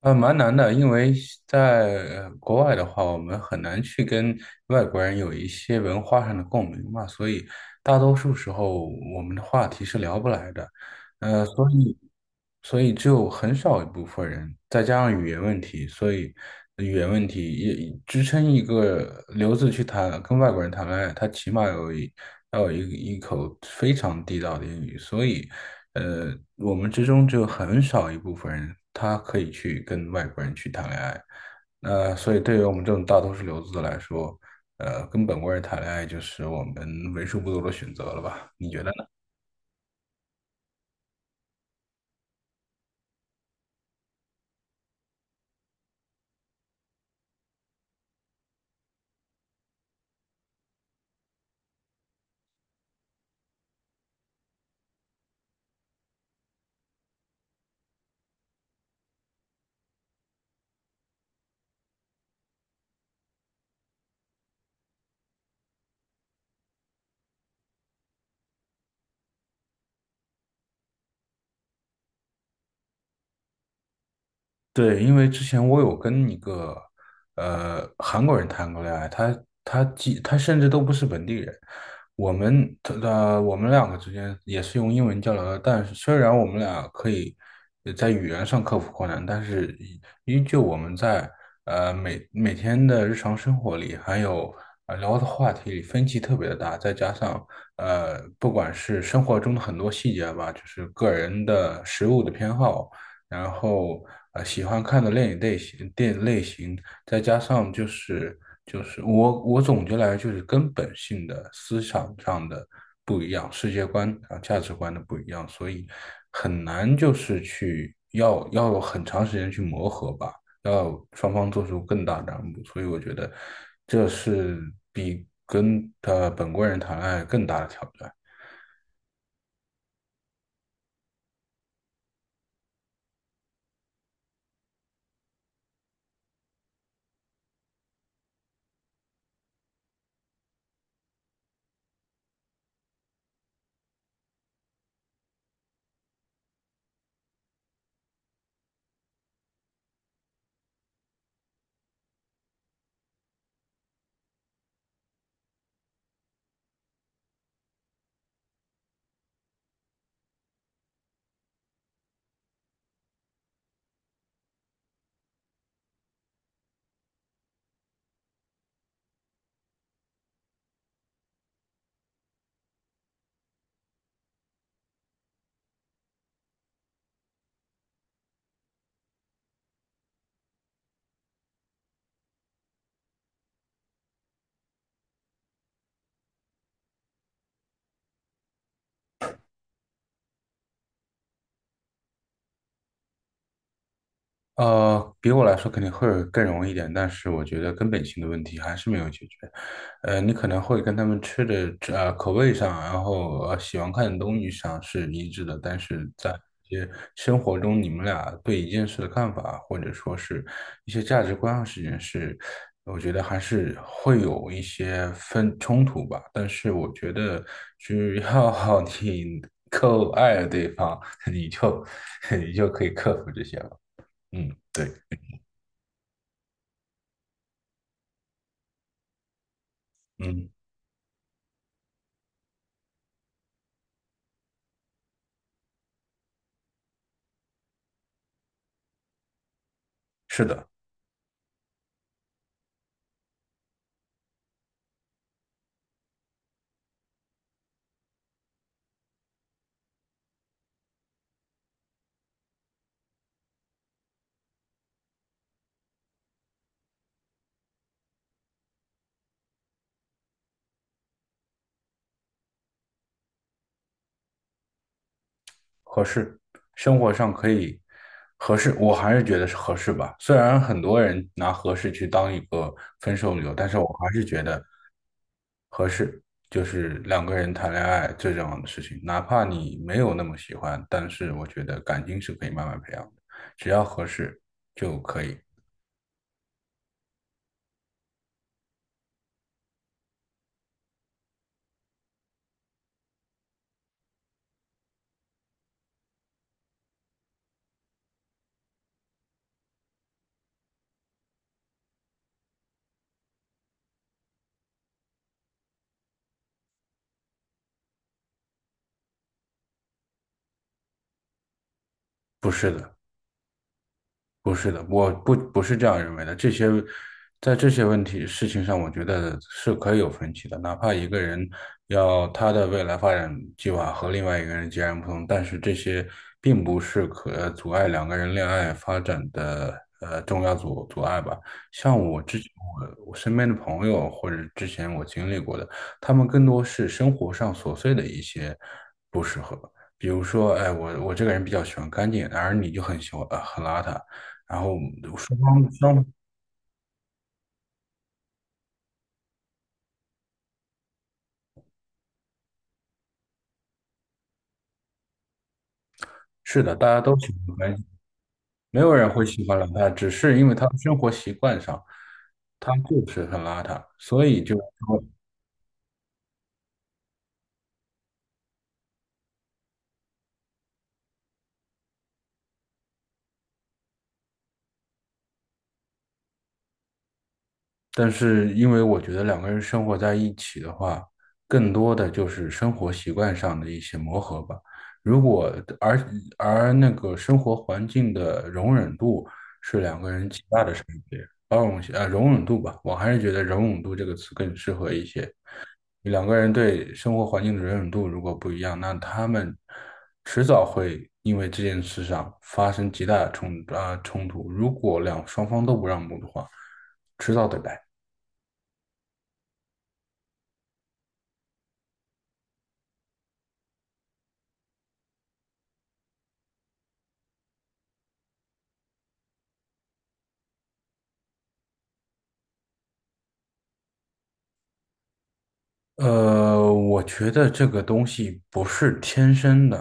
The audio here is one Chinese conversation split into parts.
蛮难的，因为在国外的话，我们很难去跟外国人有一些文化上的共鸣嘛，所以大多数时候我们的话题是聊不来的。呃，所以所以只有很少一部分人，再加上语言问题，所以语言问题也支撑一个留子去谈跟外国人谈恋爱，他起码要有一口非常地道的英语，所以。我们之中只有很少一部分人，他可以去跟外国人去谈恋爱。那所以对于我们这种大多数留子来说，跟本国人谈恋爱就是我们为数不多的选择了吧？你觉得呢？对，因为之前我有跟一个韩国人谈过恋爱，他甚至都不是本地人，我们两个之间也是用英文交流的，但是虽然我们俩可以在语言上克服困难，但是依旧我们在每天的日常生活里，还有聊的话题里分歧特别的大，再加上不管是生活中的很多细节吧，就是个人的食物的偏好。然后喜欢看的电影类型，再加上就是我总结来就是根本性的思想上的不一样，世界观啊价值观的不一样，所以很难就是去要有很长时间去磨合吧，要双方做出更大的让步。所以我觉得这是比跟本国人谈恋爱更大的挑战。比我来说肯定会更容易一点，但是我觉得根本性的问题还是没有解决。你可能会跟他们吃的口味上，然后喜欢看的东西上是一致的，但是在一些生活中，你们俩对一件事的看法，或者说是一些价值观上事情是，我觉得还是会有一些分冲突吧。但是我觉得，只要 你够爱对方，你就 你就可以了。嗯嗯。是的，合适，生活上可以合适，我还是觉得是合适吧。虽然很多人拿合适去当一个分手理由，但是我还是觉得合适就是两个人谈恋爱最重要的事情。哪怕你没有那么喜欢，但是我觉得感情是可以慢慢培养的，只要合适就可以。不是的，不是的，我不是这样认为的。在这些问题事情上，我觉得是可以有分歧的。哪怕一个人要他的未来发展计划和另外一个人截然不同，但是这些并不是可阻碍两个人恋爱发展的重要阻碍吧。像我之前我身边的朋友或者之前我经历过的，他们更多是生活上琐碎的一些不适合。比如说，哎，我这个人比较喜欢干净，而你就很喜欢很邋遢，然后双方双是的，大家都喜欢白酒，没有人会喜欢邋遢，只是因为他的生活习惯上，他就是很邋遢，所以就说，但是因为我觉得两个人生活在一起的话，更多的就是生活习惯上的一些磨合吧。如果而而那个生活环境的容忍度是两个人极大的差别，包容性容忍度吧，我还是觉得容忍度这个词更适合一些。两个人对生活环境的容忍度如果不一样，那他们迟早会因为这件事上发生极大的冲突。如果两双方都不让步的话，迟早得来。我觉得这个东西不是天生的，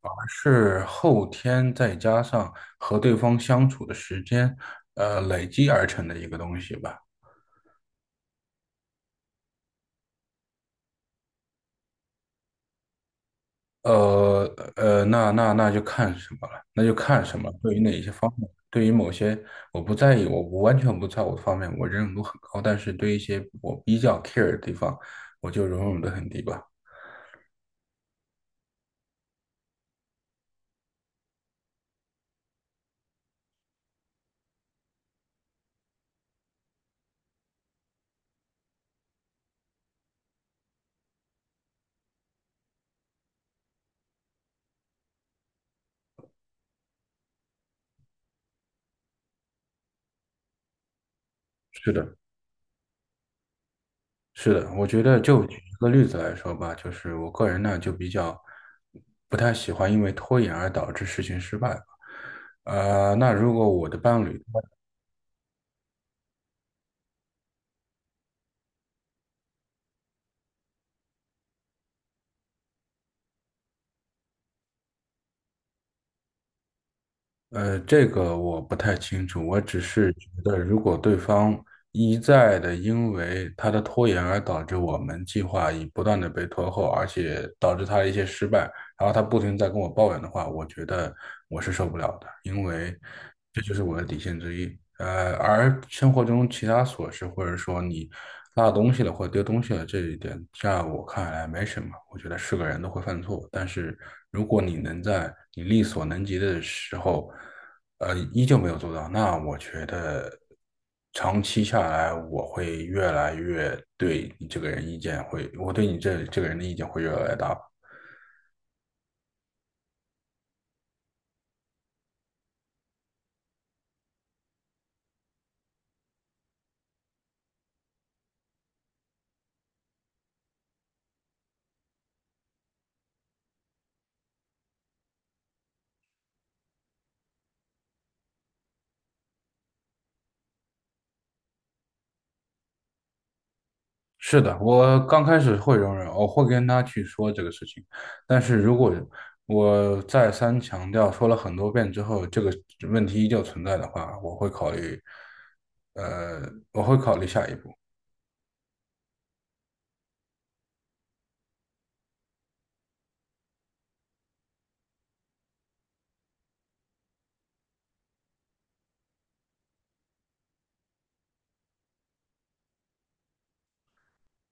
而是后天再加上和对方相处的时间，累积而成的一个东西吧。呃那就看什么了，那就看什么。对于哪一些方面，对于某些我不在意，我完全不在乎的方面，我忍容度很高。但是对一些我比较 care 的地方，我就容忍度很低吧。是的，是的，我觉得就举一个例子来说吧，就是我个人呢就比较不太喜欢因为拖延而导致事情失败吧。那如果我的伴侣这个我不太清楚，我只是觉得，如果对方一再的因为他的拖延而导致我们计划已不断的被拖后，而且导致他的一些失败，然后他不停地在跟我抱怨的话，我觉得我是受不了的，因为这就是我的底线之一。而生活中其他琐事，或者说你落东西了或者丢东西了这一点，在我看来没什么。我觉得是个人都会犯错，但是如果你能在你力所能及的时候，依旧没有做到，那我觉得长期下来，我会越来越对你这个人意见会，我对你这个人的意见会越来越大。是的，我刚开始会容忍，我会跟他去说这个事情，但是如果我再三强调，说了很多遍之后，这个问题依旧存在的话，我会考虑，呃，我会考虑下一步。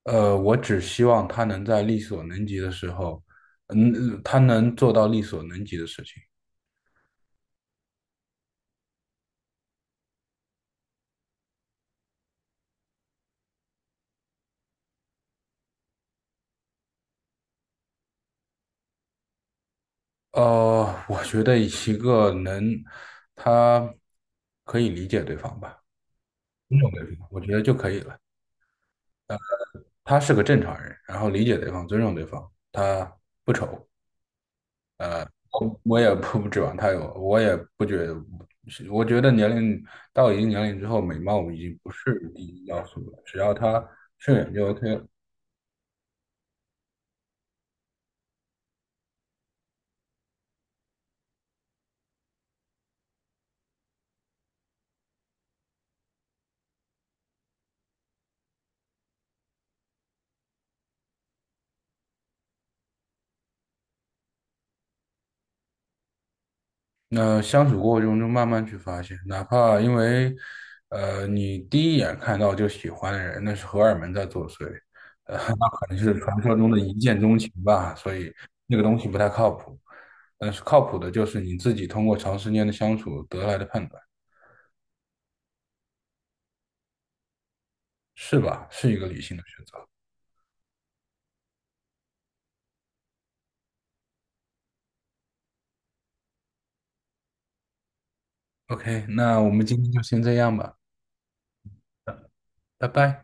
我只希望他能在力所能及的时候，嗯，他能做到力所能及的事情。我觉得一个能，他可以理解对方吧，尊重对方，我觉得就可以了。他是个正常人，然后理解对方，尊重对方，他不丑，我也不指望他有，我也不觉得，我觉得到一定年龄之后，美貌已经不是第一要素了，只要他顺眼就 OK 了。那相处过程中就慢慢去发现，哪怕因为，你第一眼看到就喜欢的人，那是荷尔蒙在作祟，那可能是传说中的一见钟情吧，所以那个东西不太靠谱。但是靠谱的就是你自己通过长时间的相处得来的判断，是吧？是一个理性的选择。OK,那我们今天就先这样吧，拜拜。